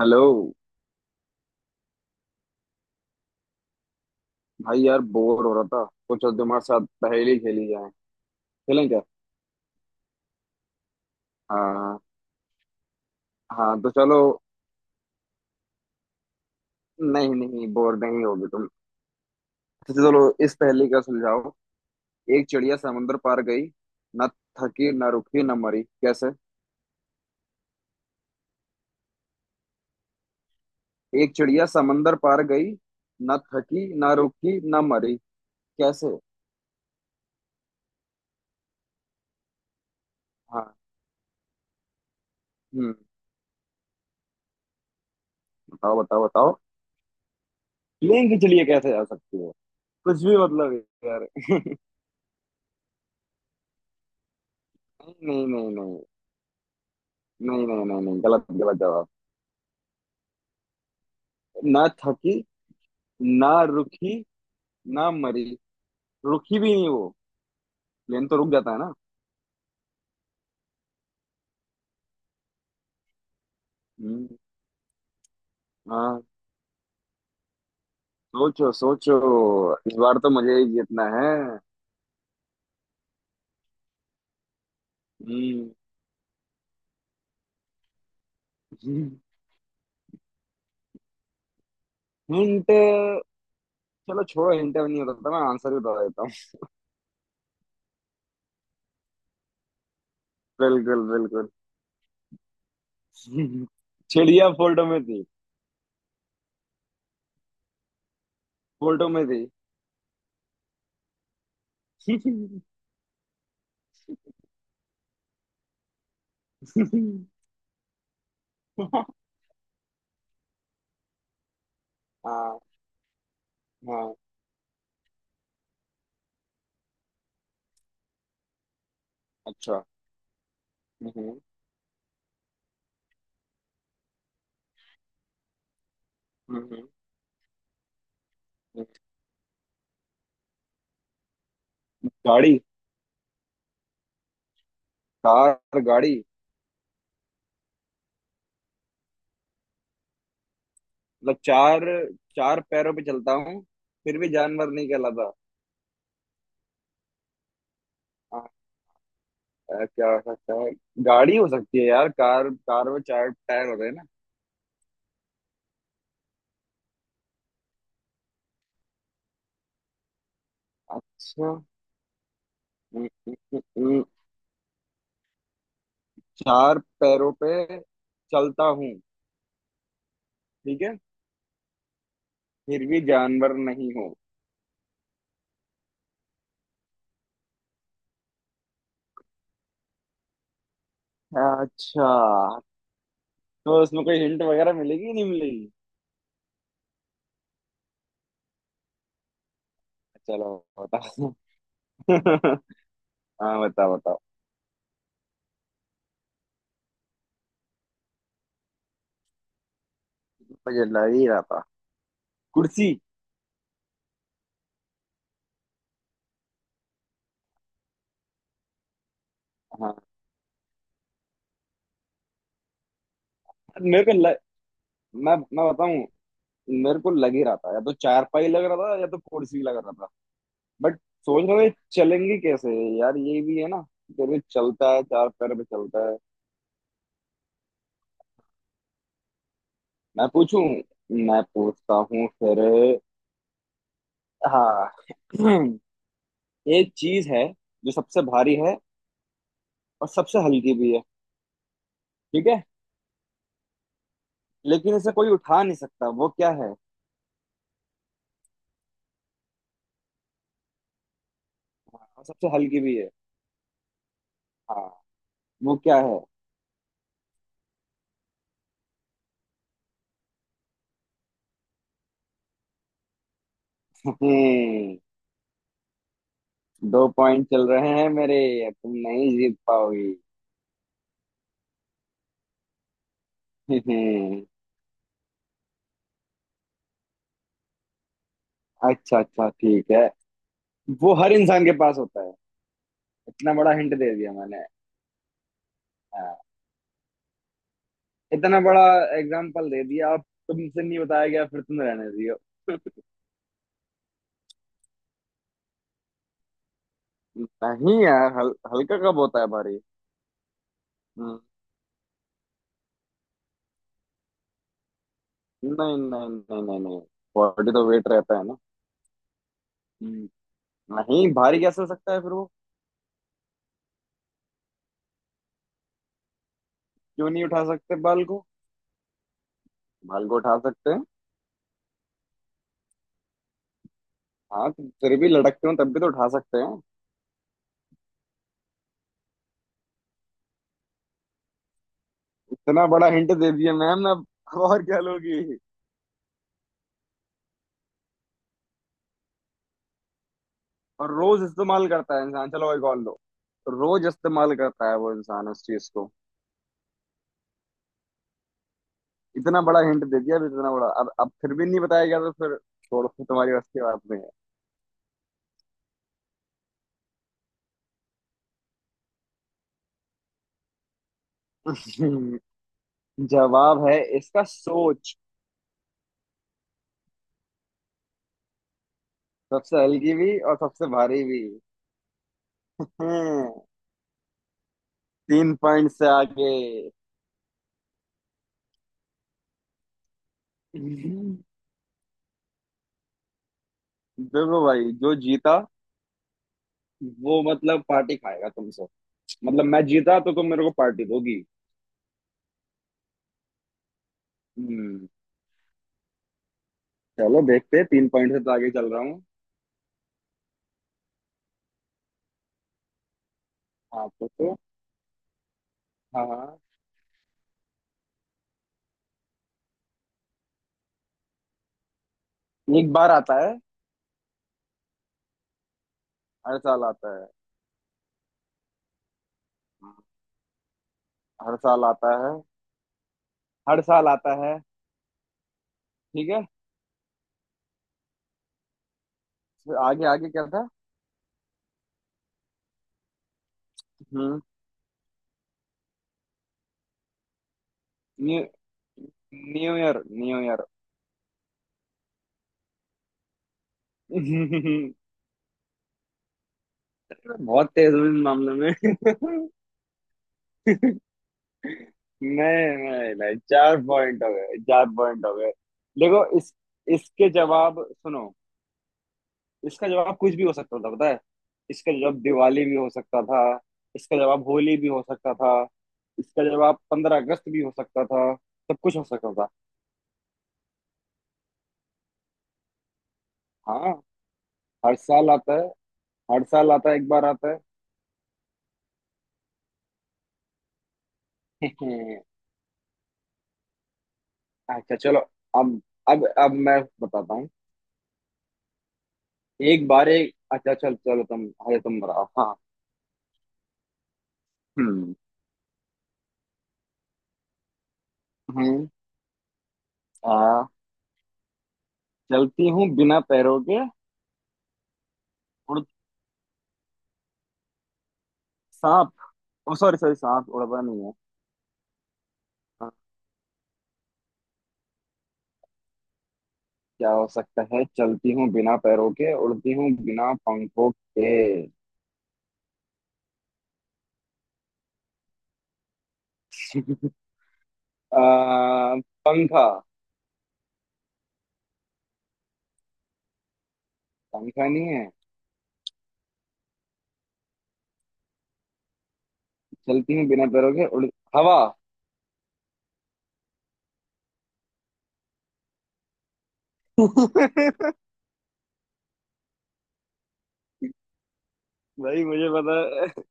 Hello. भाई यार bore हो रहा था। कुछ तुम्हारे साथ पहेली खेली जाए, खेलें क्या? हाँ। हाँ तो चलो। नहीं नहीं, बोर नहीं होगे तुम। तो चलो, इस पहेली का सुलझाओ। एक चिड़िया समंदर पार गई, न थकी न रुकी न मरी, कैसे? एक चिड़िया समंदर पार गई, न थकी न रुकी न मरी, कैसे? हाँ। हम्म। बताओ बताओ बताओ। प्लेन की चिड़िया कैसे जा सकती है? कुछ भी मतलब है यार। नहीं नहीं नहीं नहीं नहीं नहीं नहीं नहीं, गलत गलत जवाब। न थकी, ना रुकी, ना मरी। रुकी भी नहीं वो, प्लेन तो रुक जाता है ना। हम्म। हाँ, सोचो सोचो, इस बार तो मुझे ही जीतना है। हम्म। हिंट। चलो छोड़ो, हिंट नहीं होता था, मैं आंसर ही बता देता हूँ। बिल्कुल बिल्कुल। चिड़िया फोटो में थी। फोटो में थी। हाँ। हाँ। अच्छा। हम्म, हम्म, हम्म। गाड़ी। कार गाड़ी। मतलब चार, चार पैरों पे चलता हूँ, फिर भी जानवर नहीं कहलाता। आ, आ, क्या हो सकता है? गाड़ी हो सकती है यार, कार कार में चार टायर होते हैं ना। अच्छा। हम्म, हम्म, हम्म, हम्म। चार पैरों पे चलता हूँ, ठीक है। फिर भी जानवर नहीं हूँ। अच्छा, तो इसमें कोई हिंट वगैरह मिलेगी नहीं मिलेगी? चलो, बताओ। हाँ, बताओ बताओ। मुझे लग ही रहा था, कुर्सी। हाँ। मेरे को ल... मैं बताऊं? मेरे को लग ही रहा था, या तो चारपाई लग रहा था या तो कुर्सी लग रहा था। बट सोच रहा था, ये चलेंगे कैसे? यार, ये भी है ना, फिर भी चलता है, चार पैर पे चलता है। मैं पूछूं? मैं पूछता हूँ फिर। हाँ। एक चीज है, जो सबसे भारी है और सबसे हल्की भी है, ठीक है? लेकिन इसे कोई उठा नहीं सकता, वो क्या है? हाँ, और सबसे हल्की भी है। हाँ, वो क्या है? हम्म, 2 पॉइंट चल रहे हैं मेरे, तुम नहीं जीत पाओगी। हम्म, अच्छा अच्छा, ठीक है। वो हर इंसान के पास होता है, इतना बड़ा हिंट दे दिया मैंने। हाँ, इतना बड़ा एग्जाम्पल दे दिया, अब तुमसे नहीं बताया गया फिर तुम रहने दियो। नहीं यार, हल्का कब होता है भारी? हम्म, नहीं नहीं नहीं नहीं नहीं, बॉडी तो वेट रहता है ना। हम्म, नहीं, भारी कैसे हो सकता है फिर वो? क्यों नहीं उठा सकते बाल को? बाल को उठा सकते हैं। हाँ तो फिर भी लटकते हो तब भी तो उठा सकते हैं। इतना बड़ा हिंट दे दिया मैम। अब और क्या लोगी? और रोज इस्तेमाल करता है इंसान, चलो एक और लो। रोज इस्तेमाल करता है वो इंसान उस चीज को। इतना बड़ा हिंट दे दिया, अब इतना बड़ा, अब फिर भी नहीं बताया गया तो फिर छोड़ो, फिर तुम्हारी बस की बात नहीं है। जवाब है इसका, सोच। सबसे हल्की भी और सबसे भारी भी हैं। 3 पॉइंट से आगे। देखो भाई, जो जीता वो मतलब पार्टी खाएगा तुमसे। मतलब मैं जीता तो तुम मेरे को पार्टी दोगी। हम्म। चलो देखते हैं, 3 पॉइंट से तो आगे चल रहा हूँ। आपको तो। हाँ। एक बार आता है, हर साल आता है। हाँ, हर साल आता है। हर साल आता है, ठीक है। फिर आगे आगे क्या था? हम्म new new year, new year. बहुत तेज हूँ इस मामले में। नहीं नहीं नहीं, 4 पॉइंट हो गए, 4 पॉइंट हो गए। देखो, इस इसके जवाब सुनो। इसका जवाब कुछ भी हो सकता था, पता है। इसका जवाब दिवाली भी हो सकता था, इसका जवाब होली भी हो सकता था, इसका जवाब 15 अगस्त भी हो सकता था, सब कुछ हो सकता था। हाँ। हर साल आता है, हर साल आता है, एक बार आता है। अच्छा चलो। अब अब मैं बताता हूँ। एक बार एक, अच्छा चल, चलो तुम, अरे तुम बताओ। हाँ। हम्म। हम्म आ, चलती हूँ बिना पैरों के, उड़ सांप। ओ सॉरी सॉरी, सांप उड़ता नहीं है। हाँ, क्या हो सकता है? चलती हूँ बिना पैरों के, उड़ती हूँ बिना पंखों के। आ, पंखा। पंखा नहीं है। चलती हूँ बिना पैरों के, उड़ हवा। भाई, मुझे पता है।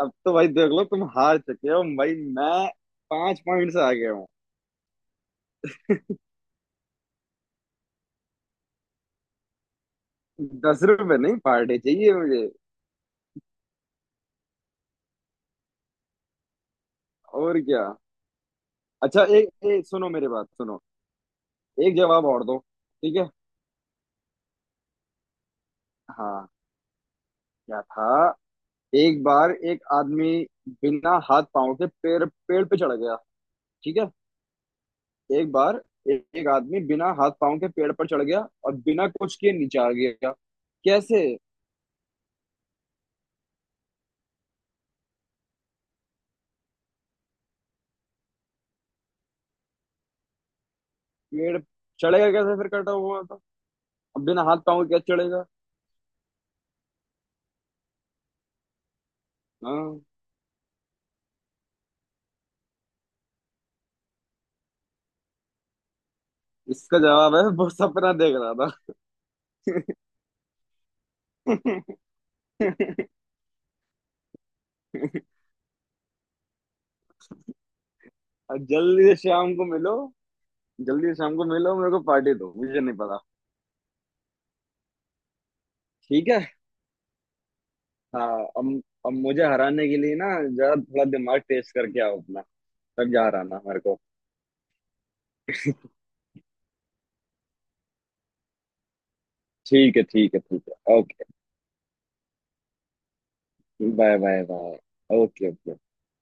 अब तो भाई देख लो, तुम हार चुके हो भाई। मैं 5 पॉइंट से आगे हूँ। 10 रुपए नहीं, पार्टी चाहिए मुझे। और क्या? अच्छा सुनो मेरी बात, सुनो। एक जवाब और दो। ठीक है। हाँ। क्या था? एक बार एक आदमी बिना हाथ पांव के पेड़ पेड़ पे चढ़ गया, ठीक है। एक बार एक आदमी बिना हाथ पांव के पेड़ पर चढ़ गया और बिना कुछ किए नीचे आ गया, कैसे? पेड़ चढ़ेगा कैसे फिर, कटा हुआ था? अब बिना हाथ पांव के कैसे चढ़ेगा? हाँ, इसका जवाब है, वो सपना देख रहा था। और जल्दी से शाम को मिलो, जल्दी से शाम को मिलो, मेरे को पार्टी दो, मुझे नहीं पता। ठीक है। हाँ। अब अब मुझे हराने के लिए ना, जरा थोड़ा दिमाग टेस्ट करके आओ अपना। तब जा रहा ना मेरे को। ठीक है, ठीक है, ठीक है, okay. Bye bye bye. Okay okay.